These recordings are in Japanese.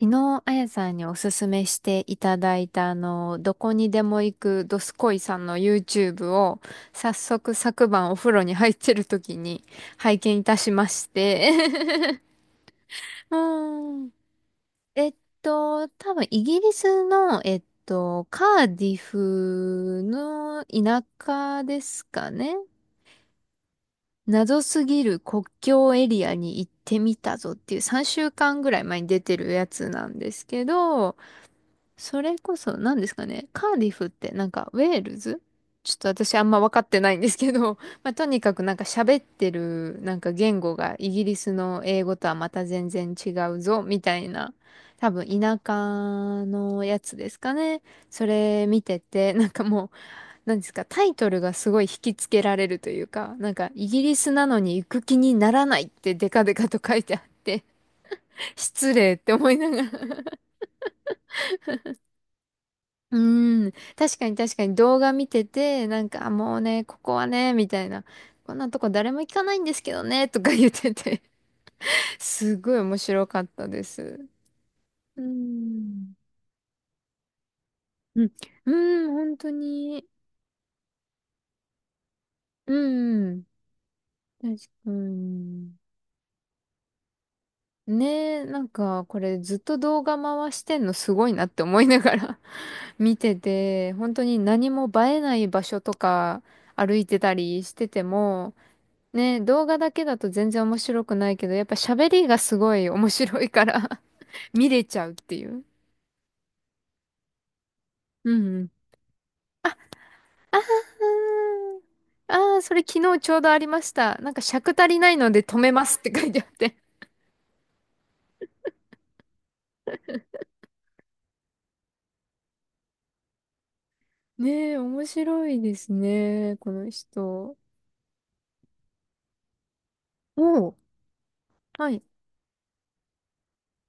昨日、あやさんにおすすめしていただいた、どこにでも行くドスコイさんの YouTube を、早速昨晩お風呂に入ってる時に拝見いたしまして。うん。えっ多分イギリスの、カーディフの田舎ですかね。謎すぎる国境エリアに行ってみたぞっていう3週間ぐらい前に出てるやつなんですけど、それこそ、何ですかね。カーディフってなんか、ウェールズちょっと私あんま分かってないんですけど、まあ、とにかくなんか喋ってるなんか言語がイギリスの英語とはまた全然違うぞ、みたいな。多分田舎のやつですかね。それ見てて、なんかもう、なんですか、タイトルがすごい引きつけられるというか、なんか、イギリスなのに行く気にならないってデカデカと書いてあって、失礼って思いながらうーん。確かに確かに動画見てて、なんかあもうね、ここはね、みたいな。こんなとこ誰も行かないんですけどね、とか言ってて すごい面白かったです。うーん。うん。うん、本当に。うん。確かに。ねえ、なんかこれずっと動画回してんのすごいなって思いながら 見てて、本当に何も映えない場所とか歩いてたりしてても、ね、動画だけだと全然面白くないけど、やっぱ喋りがすごい面白いから 見れちゃうっていう。うんうん。ああ、ああ、それ昨日ちょうどありました。なんか尺足りないので止めますって書いてあって。ねえ、面白いですね、この人。おお、はい、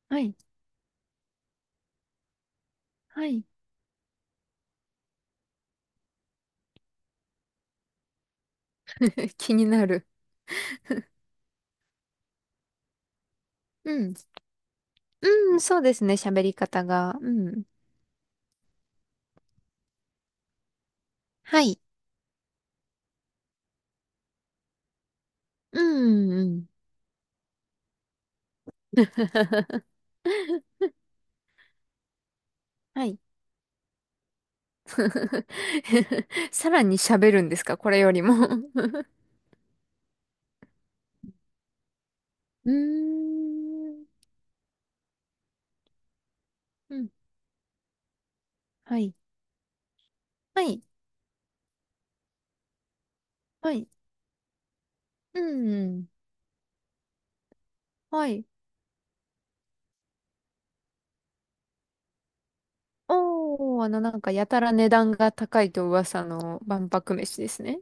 はい、はい。気になる。うん、うん、そうですね、喋り方が。うん。はい。うん、うん。はい。さらに喋るんですかこれよりも うーん。うん。はい。はい。はい。うん。はい。おー、なんか、やたら値段が高いと噂の万博飯ですね。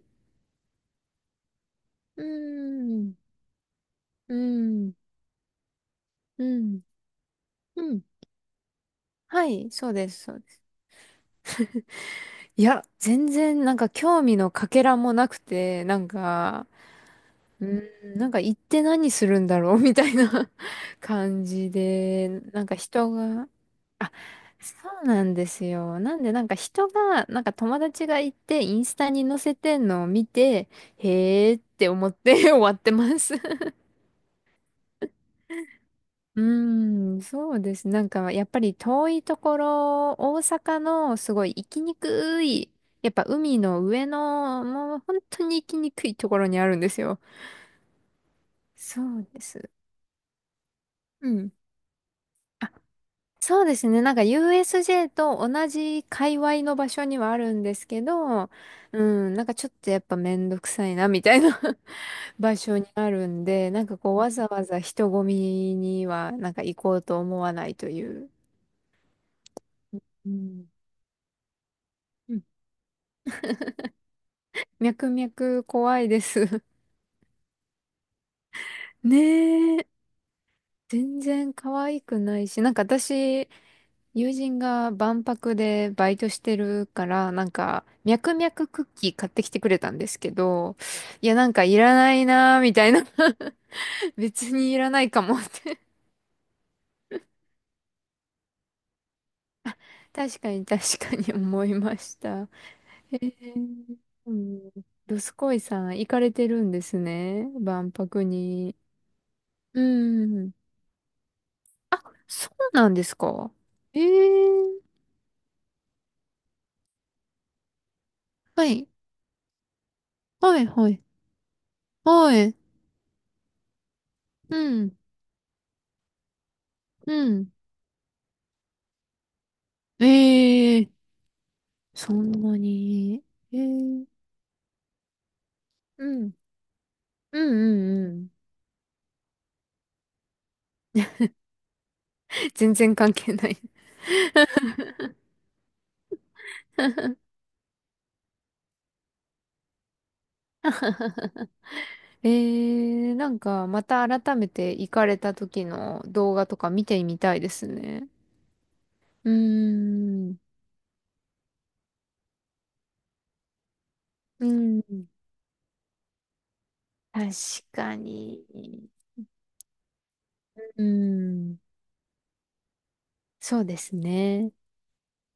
うーん。うん。うん。うん。はい。そうです。そうです。いや、全然、なんか、興味のかけらもなくて、なんか、うーん、なんか、行って何するんだろうみたいな 感じで、なんか、人が、あそうなんですよ。なんでなんか人が、なんか友達がいて、インスタに載せてんのを見て、へーって思って 終わってます。うーん、そうです。なんかやっぱり遠いところ、大阪のすごい行きにくい、やっぱ海の上の、もう本当に行きにくいところにあるんですよ。そうです。うん。そうですね。なんか USJ と同じ界隈の場所にはあるんですけど、うん、なんかちょっとやっぱめんどくさいなみたいな 場所にあるんで、なんかこうわざわざ人混みにはなんか行こうと思わないという。うん、うん脈々怖いです ねえ。全然可愛くないし、なんか私、友人が万博でバイトしてるから、なんか、脈々クッキー買ってきてくれたんですけど、いや、なんかいらないなーみたいな 別にいらないかもって確かに確かに思いました。へえ、うん。ドスコイさん行かれてるんですね。万博に。うん。あ、そうなんですか。ええはい。はいはい。はい。うん。うん。ええそんなに、えー、うん、うんうんうん。全然関係ない えー、なんかまた改めて行かれた時の動画とか見てみたいですね。うーん、うん、確かに。うん、そうですね。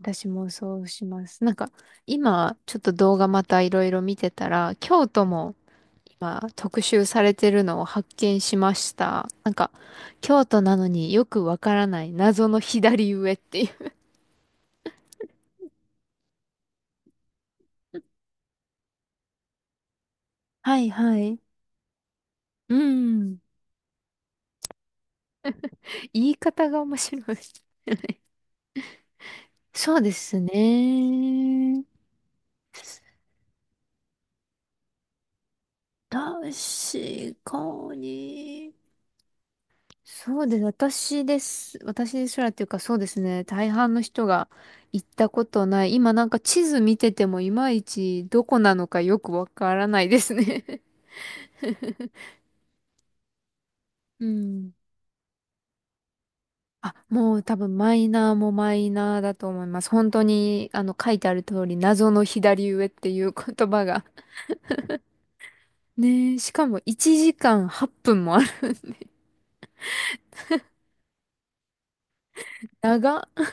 私もそうします。なんか今ちょっと動画またいろいろ見てたら、京都もまあ、特集されてるのを発見しました。なんか、京都なのによくわからない謎の左上っていう。はいはい。うん。言い方が面白い。そうですね。確かに。そうです。私です。私ですらっていうか、そうですね。大半の人が行ったことない。今なんか地図見ててもいまいちどこなのかよくわからないですね。うん。あ、もう多分マイナーもマイナーだと思います。本当に、書いてある通り、謎の左上っていう言葉が。ねえ、しかも1時間8分もあるんで。長っ。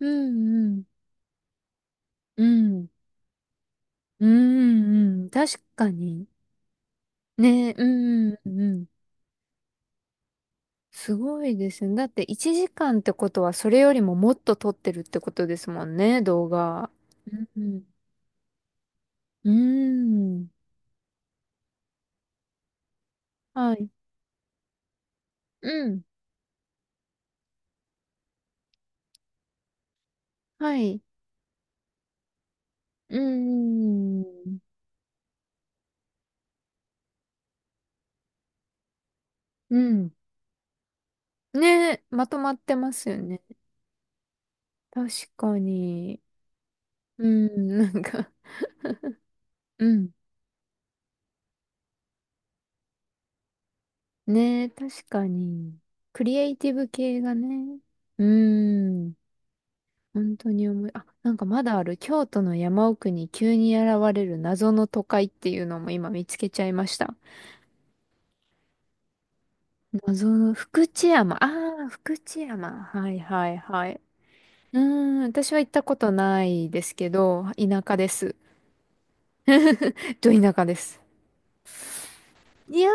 うんうん。うん。うんうん。確かに。ねえ、うんうんうん。すごいですね。だって1時間ってことは、それよりももっと撮ってるってことですもんね、動画。うんうん。うん。はい。うん。はい。ううんうん。うん。ね、まとまってますよね。確かに。うん、なんか、うん。ね、確かに。クリエイティブ系がね。うん。本当に思い、あ、なんかまだある。京都の山奥に急に現れる謎の都会っていうのも今見つけちゃいました。謎の福知山。ああ、福知山。はいはいはい。うーん、私は行ったことないですけど、田舎です。ど田舎です。いや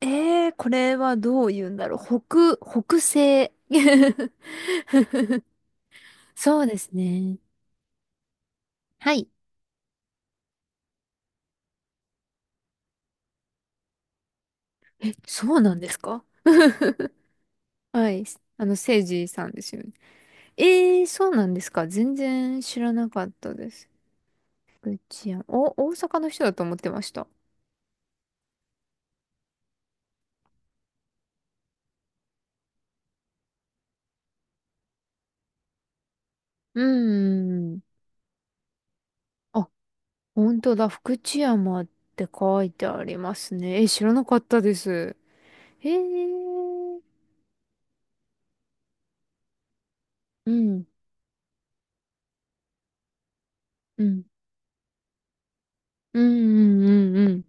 ー、えー、これはどう言うんだろう。北、北西。そうですね。はい。そうなんですか はい。セイジさんですよね。えー、そうなんですか。全然知らなかったです。福知山。お、大阪の人だと思ってました。うーん。あ、本当だ。福知山って書いてありますね。えー、知らなかったです。へえー。うん。うん。うんうんうんうん。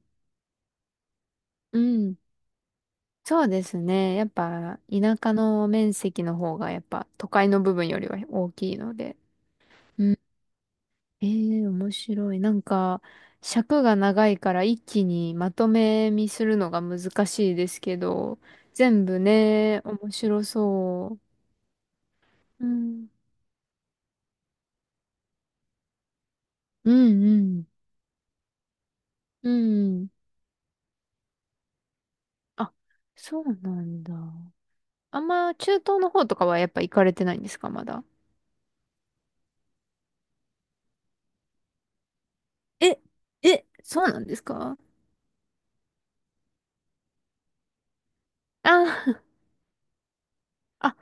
うん。そうですね。やっぱ田舎の面積の方がやっぱ都会の部分よりは大きいので。うん。ええ、面白い。なんか尺が長いから一気にまとめ見するのが難しいですけど、全部ね、面白そう。うん。うんうん。うんうん。あ、そうなんだ。あんま中東の方とかはやっぱ行かれてないんですか、まだ。え、え、そうなんですかあ あ、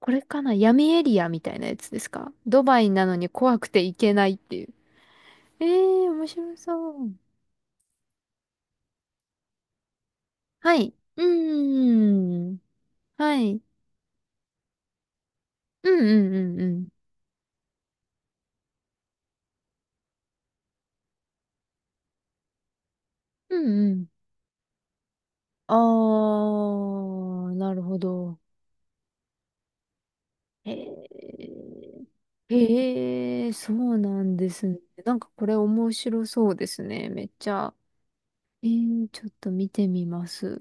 これかな闇エリアみたいなやつですかドバイなのに怖くて行けないっていう。ええー、面白そう。はい。うーん。はい。うんうんうんうん。うんうん。あー、なるほど。へえ。へえ、そうなんですね。なんかこれ面白そうですね。めっちゃ。えー、ちょっと見てみます。